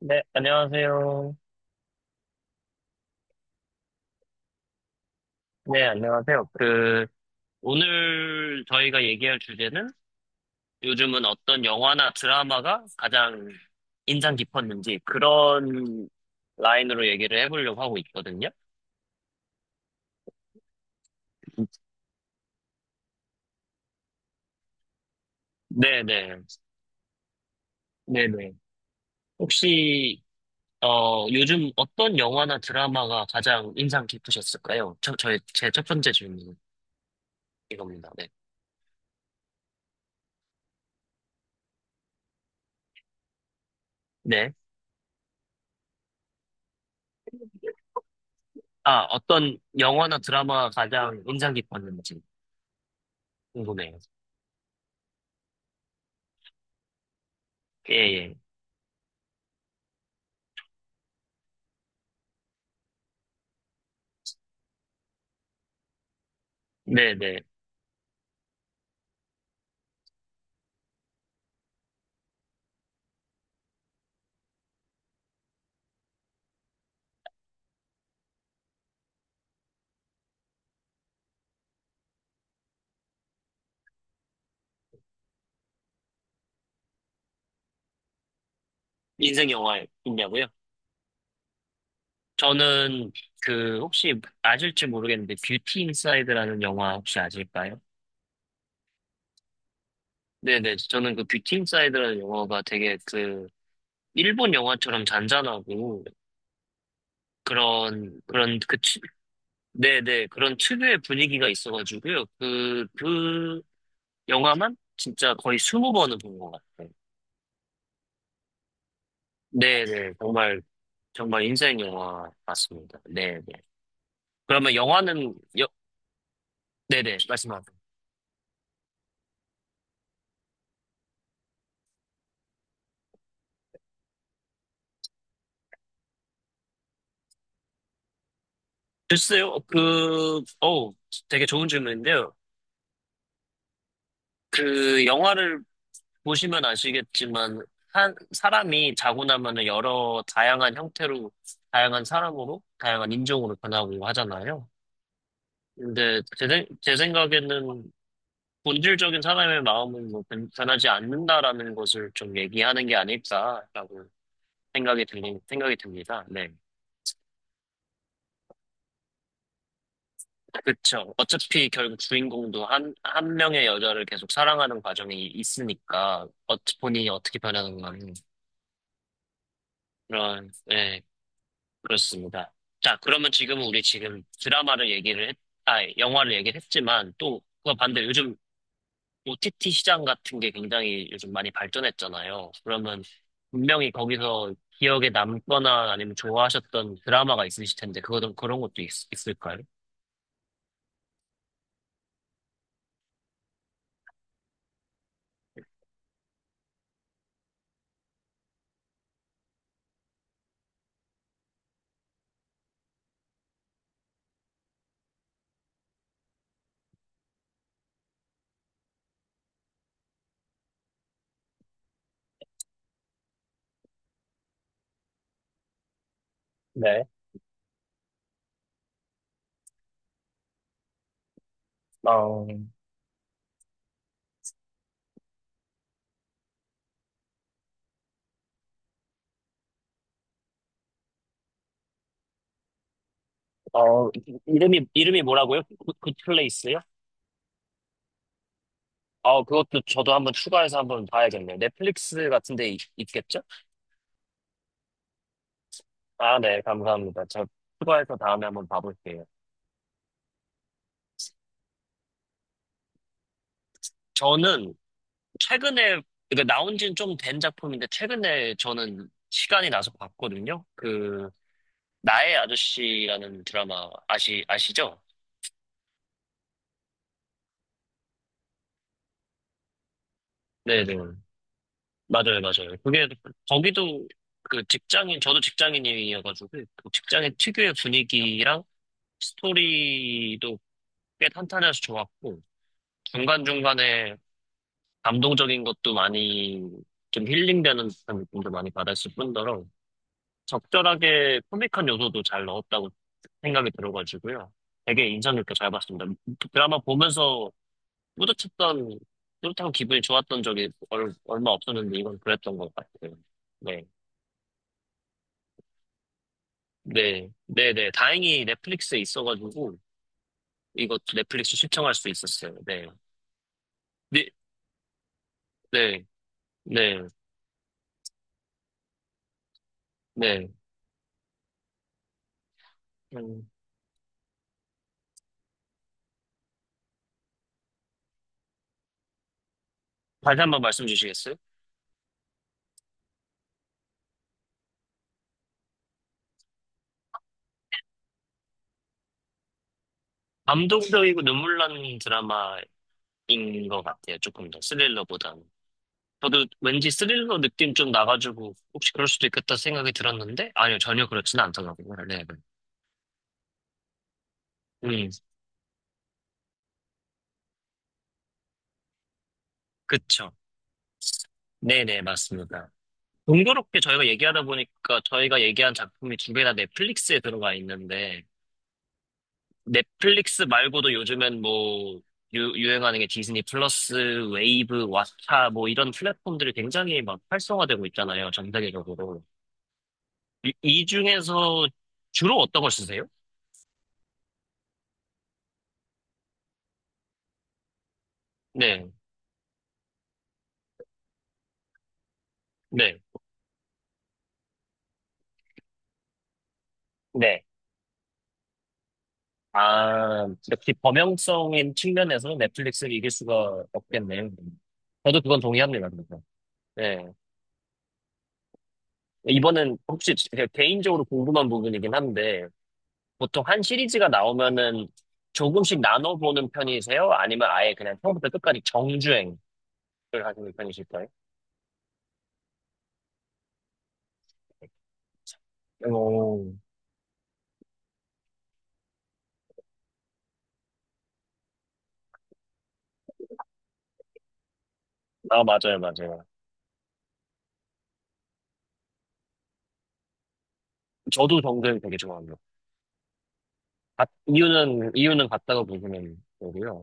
네, 안녕하세요. 네, 안녕하세요. 그, 오늘 저희가 얘기할 주제는 요즘은 어떤 영화나 드라마가 가장 인상 깊었는지 그런 라인으로 얘기를 해보려고 하고 있거든요. 네네. 네네. 혹시, 요즘 어떤 영화나 드라마가 가장 인상 깊으셨을까요? 제 첫 번째 질문 이겁니다. 네. 네. 아, 어떤 영화나 드라마가 가장 인상 깊었는지 궁금해요. 예, 예. 네네. 인생 영화 있냐고요? 저는 그 혹시 아실지 모르겠는데 뷰티 인사이드라는 영화 혹시 아실까요? 네네. 저는 그 뷰티 인사이드라는 영화가 되게 그 일본 영화처럼 잔잔하고 그런 그 치- 네네, 그런 특유의 분위기가 있어가지고요. 그 영화만 진짜 거의 스무 번은 본 것 같아요. 네네. 정말 정말 인생 영화 맞습니다. 네네. 그러면 영화는 여, 네네, 말씀하세요. 글쎄요, 그, 어, 되게 좋은 질문인데요. 그, 영화를 보시면 아시겠지만, 한, 사람이 자고 나면은 여러 다양한 형태로, 다양한 사람으로, 다양한 인종으로 변하고 하잖아요. 근데 제, 생- 제 생각에는 본질적인 사람의 마음은 뭐 변- 변하지 않는다라는 것을 좀 얘기하는 게 아닐까라고 생각이 들 생각이 듭니다. 네. 그쵸. 어차피 결국 주인공도 한, 한 명의 여자를 계속 사랑하는 과정이 있으니까, 어, 본인이 어떻게 변하는가는 그런, 네, 그렇습니다. 자, 그러면 지금은 우리 지금 아, 영화를 얘기를 했지만, 또, 그거 반대로 요즘 OTT 시장 같은 게 굉장히 요즘 많이 발전했잖아요. 그러면 분명히 거기서 기억에 남거나 아니면 좋아하셨던 드라마가 있으실 텐데, 그거 그런 것도 있, 을까요? 네. 어, 어, 이름이 뭐라고요? 굿, 굿 플레이스요? 아, 그것도 저도 한번 추가해서 한번 봐야겠네요. 넷플릭스 같은 데 있, 겠죠? 아, 네, 감사합니다. 저 추가해서 다음에 한번 봐볼게요. 저는 최근에, 그러니까 나온 지는 좀 된 작품인데, 최근에 저는 시간이 나서 봤거든요. 그, 나의 아저씨라는 드라마 아시죠? 네네. 맞아요, 맞아요. 그게, 거기도 그 직장인, 저도 직장인이어가지고, 그 직장인 특유의 분위기랑 스토리도 꽤 탄탄해서 좋았고, 중간중간에 감동적인 것도 많이 좀 힐링되는 듯한 느낌도 많이 받았을 뿐더러 적절하게 코믹한 요소도 잘 넣었다고 생각이 들어가지고요. 되게 인상 깊게 잘 봤습니다. 그 드라마 보면서 뿌듯했던, 뿌듯하고 기분이 좋았던 적이 얼, 마 없었는데 이건 그랬던 것 같아요. 네. 네. 네, 네. 다행히 넷플릭스에 있어가지고 이거 넷플릭스 시청할 수 있었어요. 네. 네, 네, 네, 네. 음, 다시 한 번 말씀 주시겠어요? 감동적이고 눈물 나는 드라마인 것 같아요. 조금 더 스릴러보다는. 저도 왠지 스릴러 느낌 좀 나가지고 혹시 그럴 수도 있겠다 생각이 들었는데 아니요, 전혀 그렇지는 않더라고요. 네, 네. 음, 그쵸. 네네, 맞습니다. 동교롭게 저희가 얘기하다 보니까 저희가 얘기한 작품이 두 개 다 넷플릭스에 들어가 있는데, 넷플릭스 말고도 요즘엔 뭐, 유행하는 게 디즈니 플러스, 웨이브, 왓챠, 뭐 이런 플랫폼들이 굉장히 막 활성화되고 있잖아요, 전 세계적으로. 이 중에서 주로 어떤 걸 쓰세요? 네, 네, 네. 아, 역시 범용성인 측면에서 넷플릭스를 이길 수가 없겠네요. 저도 그건 동의합니다. 그래서. 네. 이번엔 혹시 제가 개인적으로 궁금한 부분이긴 한데, 보통 한 시리즈가 나오면은 조금씩 나눠보는 편이세요? 아니면 아예 그냥 처음부터 끝까지 정주행을 하시는 편이실까요? 오. 아, 맞아요, 맞아요. 저도 정주행 되게 좋아합니다. 이유는, 이유는 같다고 보시면 되고요.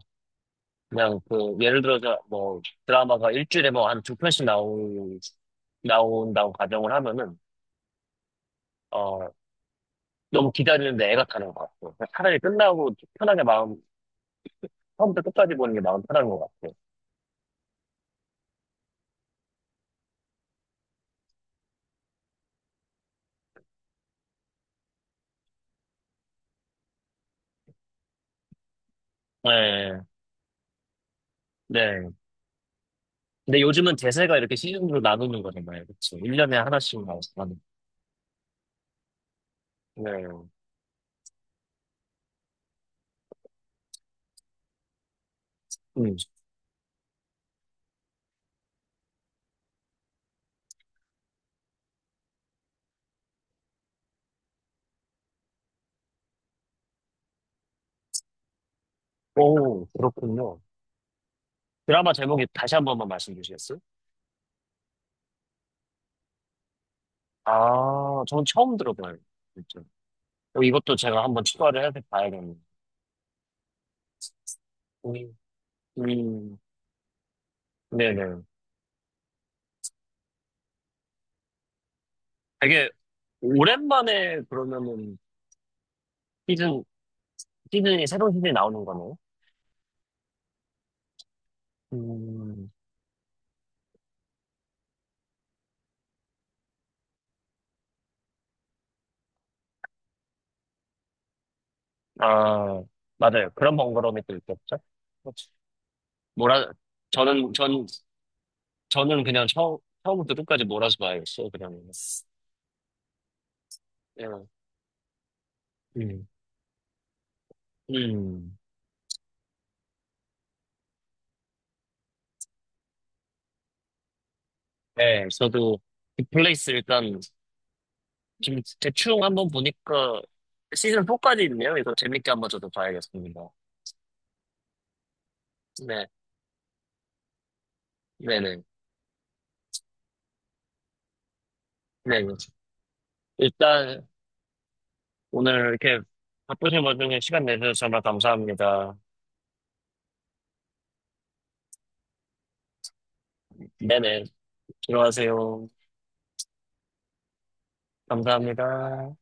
그냥 그 예를 들어서 뭐 드라마가 일주일에 뭐 한 두 편씩 나오 나온다고 가정을 하면은 어, 너무 기다리는데 애가 타는 것 같고 그냥 차라리 끝나고 편하게 마음 처음부터 끝까지 보는 게 마음 편한 것 같고. 네, 네. 근데 요즘은 대세가 이렇게 시즌으로 나누는 거잖아요. 그쵸? 1년에 하나씩 나오는. 네. 음. 오, 그렇군요. 드라마 제목이 다시 한 번만 말씀 주시겠어요? 아, 저는 처음 들어봐요. 진짜. 어, 이것도 제가 한번 추가를 해서 봐야겠네요. 음, 음. 네네. 되게 오랜만에 그러면은 시즌, 새로운 시즌이 나오는 거네요. 음, 아, 맞아요. 그런 번거로움이 또 있겠죠? 그렇죠. 몰아, 저는, 전, 저는 그냥 처음부터 끝까지 몰아서 봐야겠어요, 그냥. 예. 음, 음. 네, 저도 빅플레이스 일단 지금 대충 한번 보니까 시즌 4까지 있네요. 이거 재밌게 한번 저도 봐야겠습니다. 네, 네네. 네, 일단 오늘 이렇게 바쁘신 와중에 시간 내주셔서 정말 감사합니다. 네네. 들어가세요. 감사합니다.